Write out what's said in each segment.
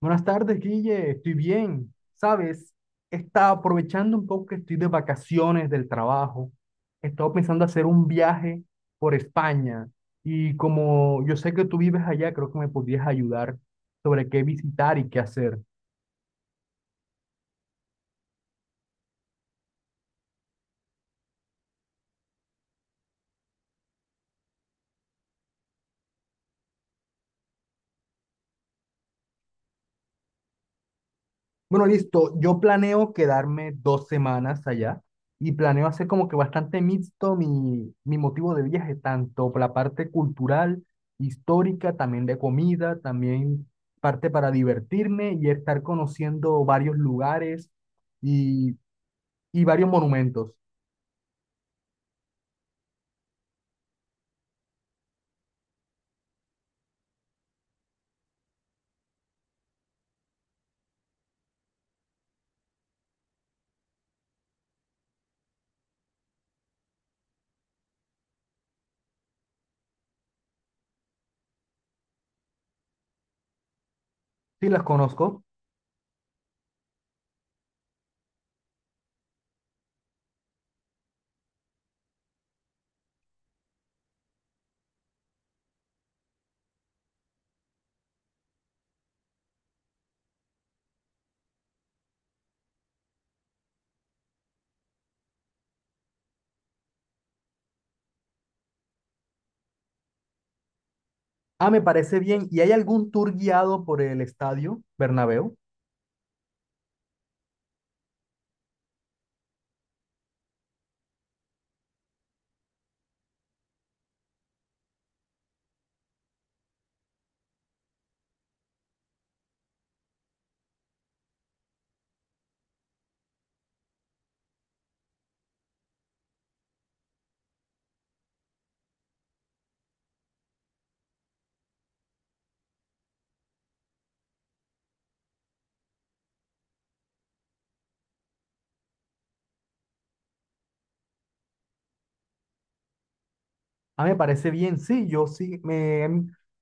Buenas tardes, Guille. Estoy bien. ¿Sabes? Está aprovechando un poco que estoy de vacaciones del trabajo. He estado pensando hacer un viaje por España. Y como yo sé que tú vives allá, creo que me podrías ayudar sobre qué visitar y qué hacer. Bueno, listo. Yo planeo quedarme dos semanas allá y planeo hacer como que bastante mixto mi motivo de viaje, tanto por la parte cultural, histórica, también de comida, también parte para divertirme y estar conociendo varios lugares y, y varios monumentos. Sí, las conozco. Ah, me parece bien. ¿Y hay algún tour guiado por el estadio Bernabéu? Ah, me parece bien, sí, yo sí, me,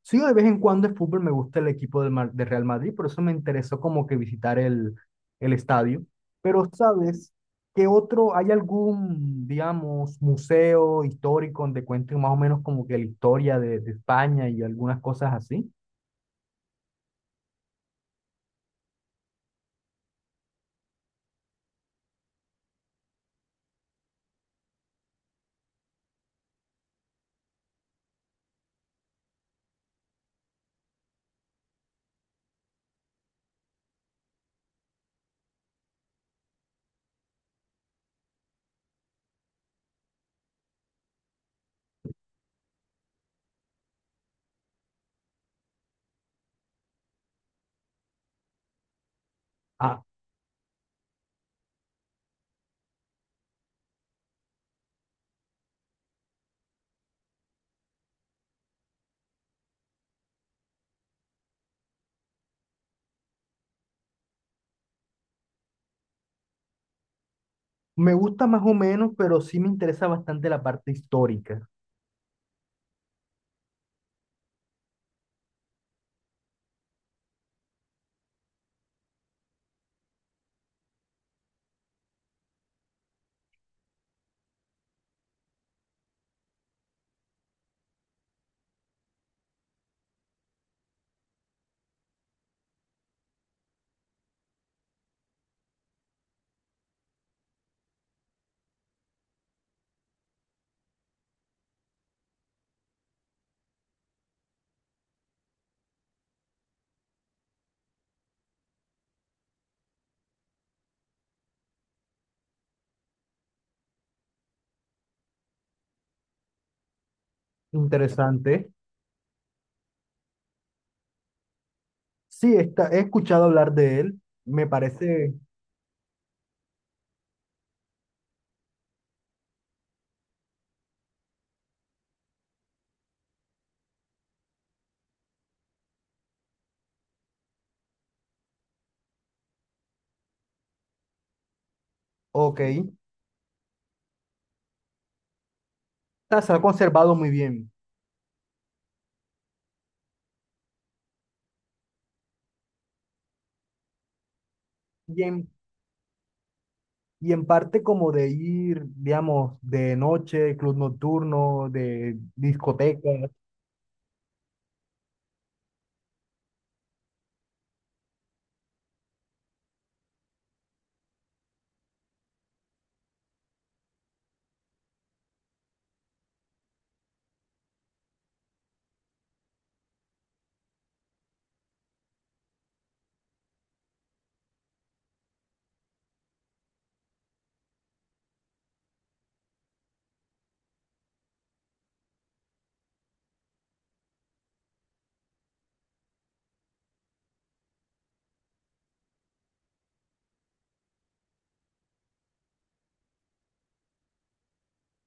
sigo de vez en cuando el fútbol, me gusta el equipo del, Mar- de Real Madrid, por eso me interesó como que visitar el estadio. Pero, ¿sabes qué otro, hay algún, digamos, museo histórico donde cuenten más o menos como que la historia de España y algunas cosas así? Ah, me gusta más o menos, pero sí me interesa bastante la parte histórica. Interesante. Sí, está, he escuchado hablar de él, me parece, ok, está- se ha conservado muy bien. Y en, y en parte como de ir, digamos, de noche, club nocturno, de discotecas,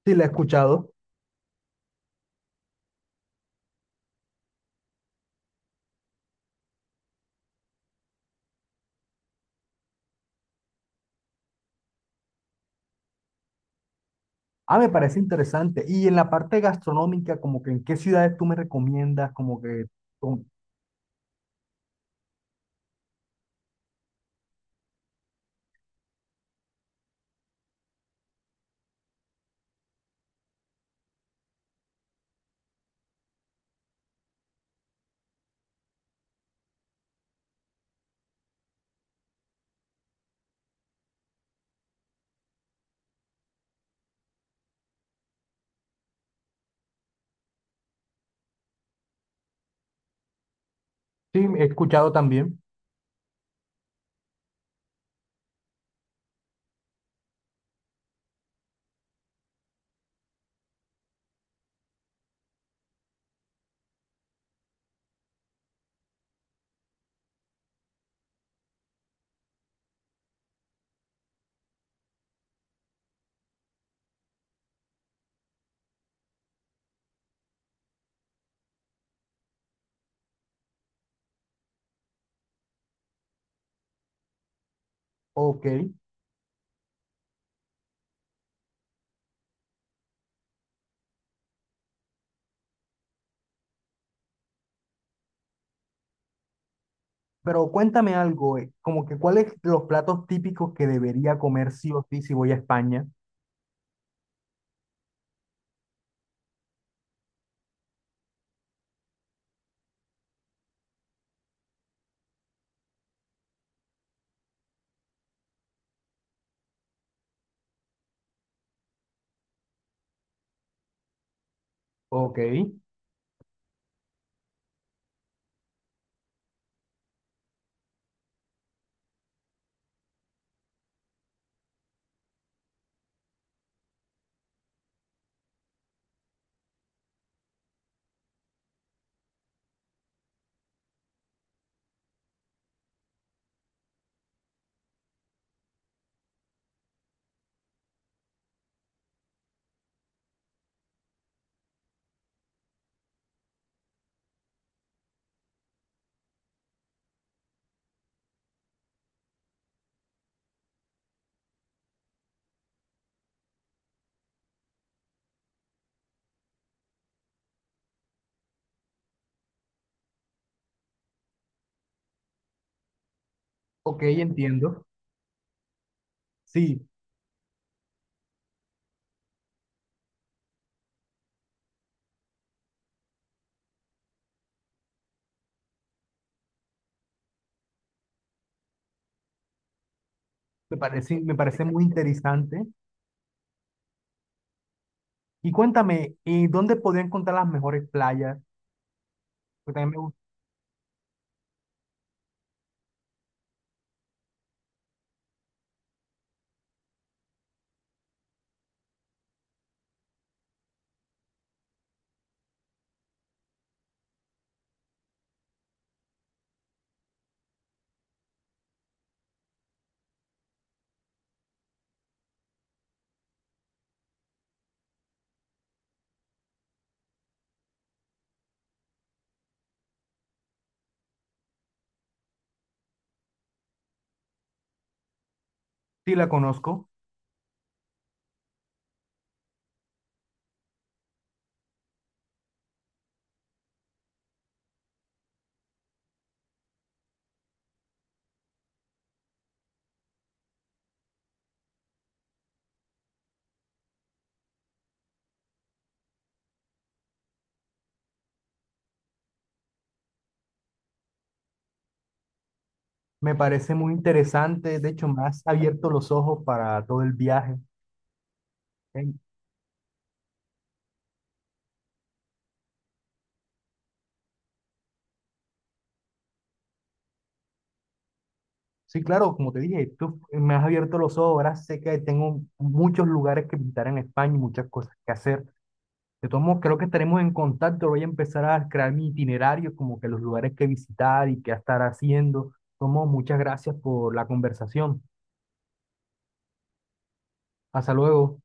sí la he escuchado. Ah, me parece interesante. Y en la parte gastronómica, como que en qué ciudades tú me recomiendas, como que con- sí, he escuchado también. Ok, pero cuéntame algo, como que cuáles los platos típicos que debería comer sí o sí si voy a España. Ok, ok, entiendo. Sí, me parece muy interesante. Y cuéntame, ¿y dónde podría encontrar las mejores playas? Porque también me gusta, sí la conozco, me parece muy interesante, de hecho me has abierto los ojos para todo el viaje. Eh, Sí, claro, como te dije, tú me has abierto los ojos, ahora sé que tengo muchos lugares que visitar en España y muchas cosas que hacer. De todos modos, creo que estaremos en contacto, voy a empezar a crear mi itinerario, como que los lugares que visitar y qué estar haciendo. Tomo, muchas gracias por la conversación. Hasta luego.